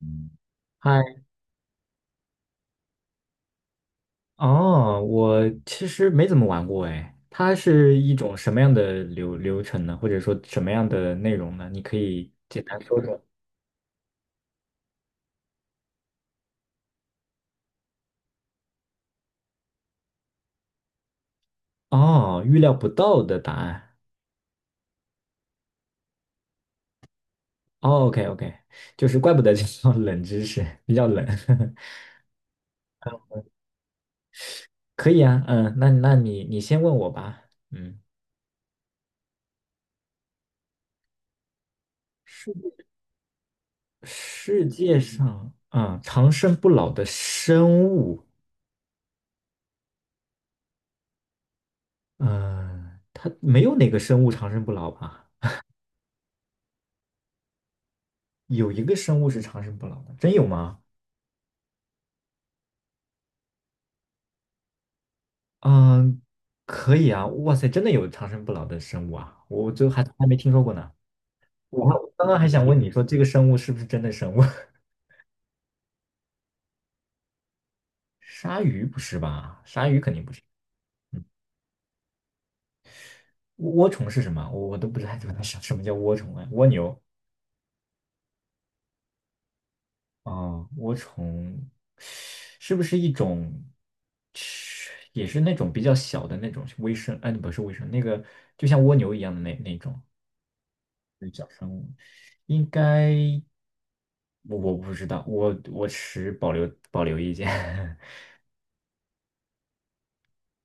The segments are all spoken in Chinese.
嗯，嗨，哦，我其实没怎么玩过哎，它是一种什么样的流程呢？或者说什么样的内容呢？你可以简单说说。哦，预料不到的答案。哦，OK OK，就是怪不得叫冷知识，比较冷。可以啊，嗯，那你先问我吧。嗯，世界世界上啊，长生不老的生物，嗯，它没有哪个生物长生不老吧？有一个生物是长生不老的，真有吗？嗯，可以啊，哇塞，真的有长生不老的生物啊，我就还从来没听说过呢。我还刚刚还想问你说这个生物是不是真的生物？鲨鱼不是吧？鲨鱼肯定不是。嗯，涡虫是什么？我都不知道怎么想什么叫涡虫啊？蜗牛啊？涡虫是不是一种，也是那种比较小的那种微生？哎，不是微生，那个就像蜗牛一样的那种，应该。我不知道，我持保留意见。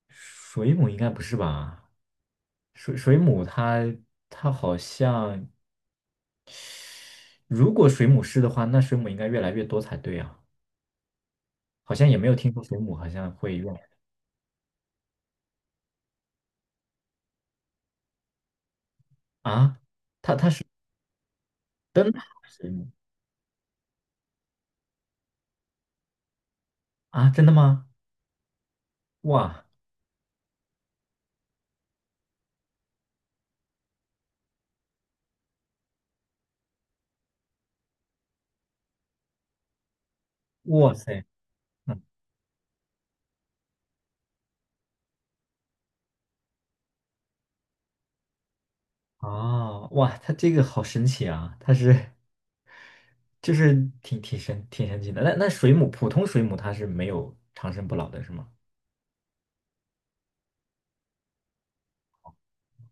水母应该不是吧？水母它好像，如果水母是的话，那水母应该越来越多才对啊。好像也没有听说水母好像会用啊，灯塔水母啊，真的吗？哇哇塞，嗯啊哇，它这个好神奇啊！它是就是挺神奇的。那水母普通水母它是没有长生不老的是吗？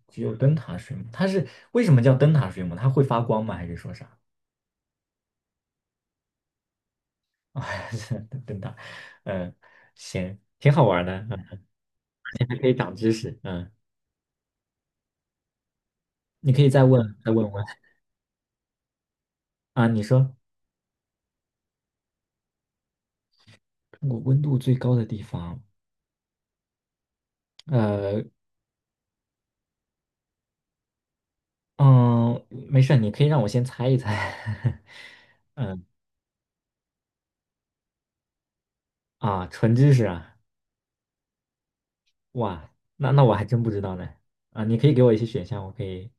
只有灯塔水母，它是为什么叫灯塔水母？它会发光吗？还是说啥？啊，灯塔，嗯，行，挺好玩的，嗯，还可以长知识，嗯，你可以再问问啊，你说中国温度最高的地方，呃，嗯，没事儿你可以让我先猜一猜，嗯啊，纯知识啊，哇，那我还真不知道呢，啊，你可以给我一些选项，我可以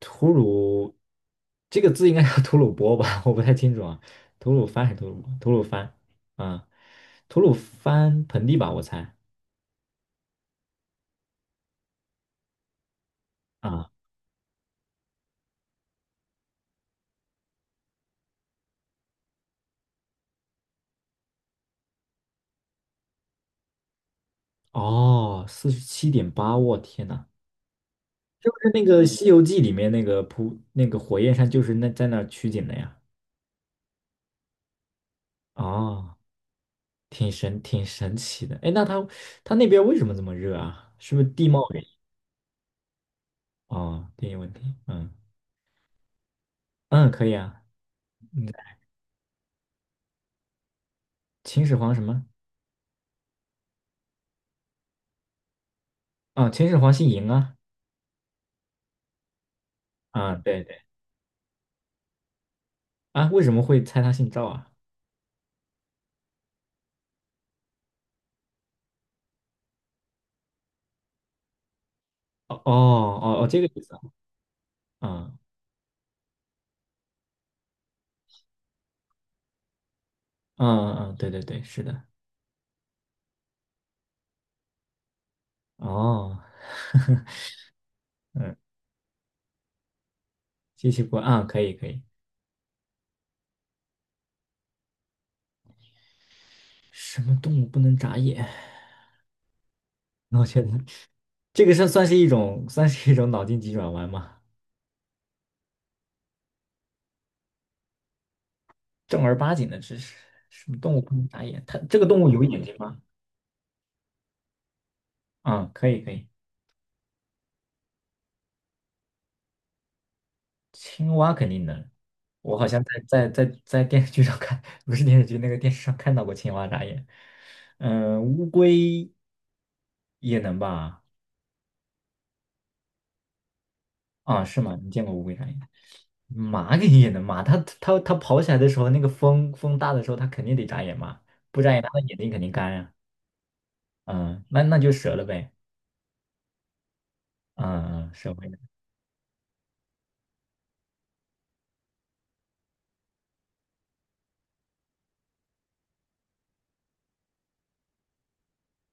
吐鲁这个字应该叫吐鲁波吧？我不太清楚啊，吐鲁番还是吐鲁番啊？吐鲁番盆地吧，我猜啊。哦，47.8，我天呐，是不是那个《西游记》里面那个扑那个火焰山就是那在那儿取景的呀？哦，挺神奇的。哎，那它那边为什么这么热啊？是不是地貌原因？哦，地理问题。嗯嗯，可以啊。秦始皇什么？啊，秦始皇姓嬴啊。啊，对。啊，为什么会猜他姓赵啊？哦哦哦哦，这个意思啊，嗯嗯嗯，对对对，是的，哦，嗯，机器过啊，可以可以，什么动物不能眨眼？我觉得这个是算是一种脑筋急转弯吗？正儿八经的知识，什么动物不能眨眼？它这个动物有眼睛吗？啊、可以可以，青蛙肯定能，我好像在电视剧上看，不是电视剧，那个电视上看到过青蛙眨眼。嗯，乌龟也能吧？啊，是吗？你见过乌龟眨眼？马肯定也能嘛，它跑起来的时候，那个风大的时候，它肯定得眨眼嘛，不眨眼它的眼睛肯定干呀、嗯，那就折了呗。嗯嗯，蛇会的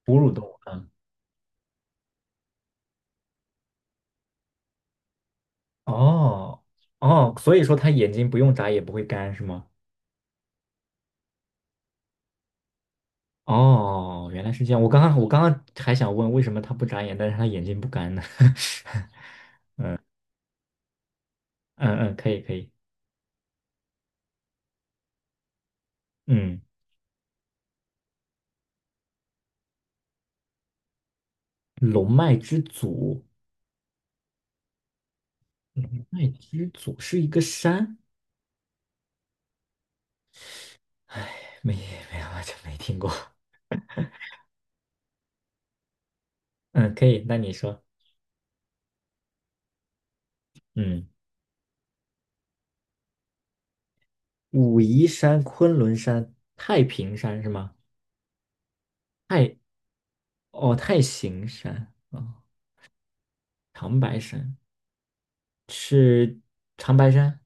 哺乳动物。嗯，哦哦，所以说它眼睛不用眨也不会干是吗？哦，原来是这样。我刚刚还想问为什么他不眨眼，但是他眼睛不干呢？嗯嗯，可以可以。嗯，龙脉之祖，龙脉之祖是一个山。哎，没没有，完全没听过。嗯，可以，那你说。嗯，武夷山、昆仑山、太平山是吗？太哦，太行山哦，长白山是长白山。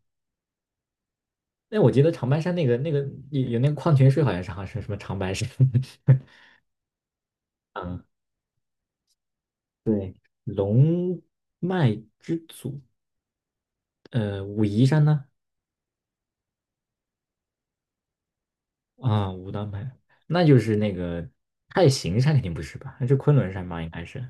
哎，我记得长白山那个有那个矿泉水，好像是什么长白山。嗯，龙脉之祖，武夷山呢？啊，武当派，那就是那个太行山肯定不是吧？那是昆仑山吧？应该是。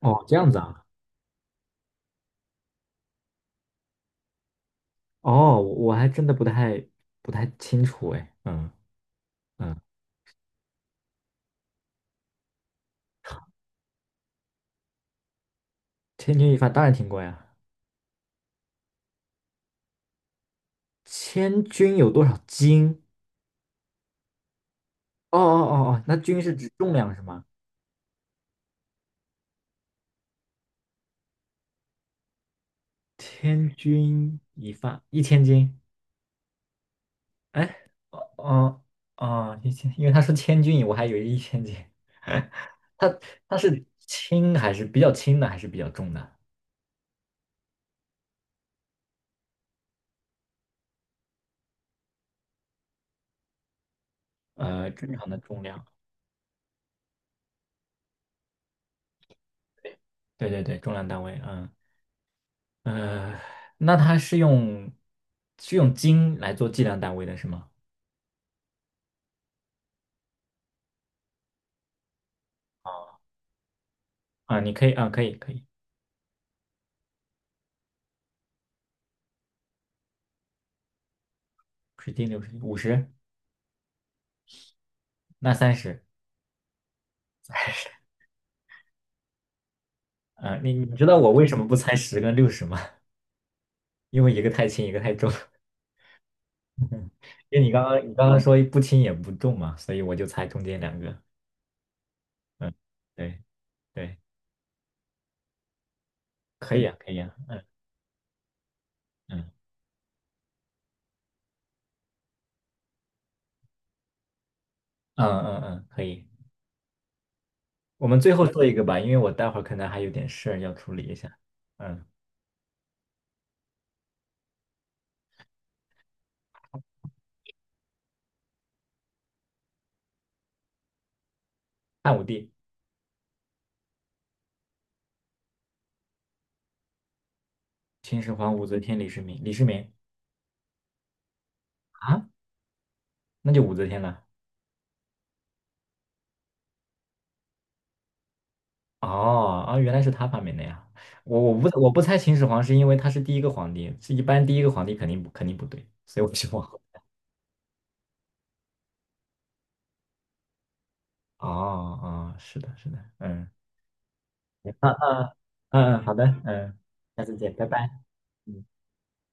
哦，这样子啊。哦，我还真的不太清楚哎。嗯嗯，千钧一发当然听过呀。千钧有多少斤？哦哦哦哦，那钧是指重量是吗？千钧一发，一千斤。哎，哦哦哦，一千，因为他说千钧，我还以为一千斤。他他是轻还是比较轻的，还是比较重的？正常的重量。对对对，重量单位。嗯呃，那它是用斤来做计量单位的是吗？啊，你可以啊，可以可以，10斤六十50，那30。啊，你知道我为什么不猜十跟六十吗？因为一个太轻，一个太重。因为你刚刚说不轻也不重嘛，所以我就猜中间两个。嗯，对对，可以啊，可以啊，嗯嗯嗯嗯，嗯可以。我们最后做一个吧，因为我待会儿可能还有点事儿要处理一下。嗯，汉武帝、秦始皇、武则天、李世民啊，那就武则天了。哦啊，原来是他发明的呀！我不猜秦始皇是因为他是第一个皇帝，是一般第一个皇帝肯定不对，所以我是往后。哦哦，是的，是的，嗯，那嗯嗯，好的，嗯，下次见，拜拜。嗯。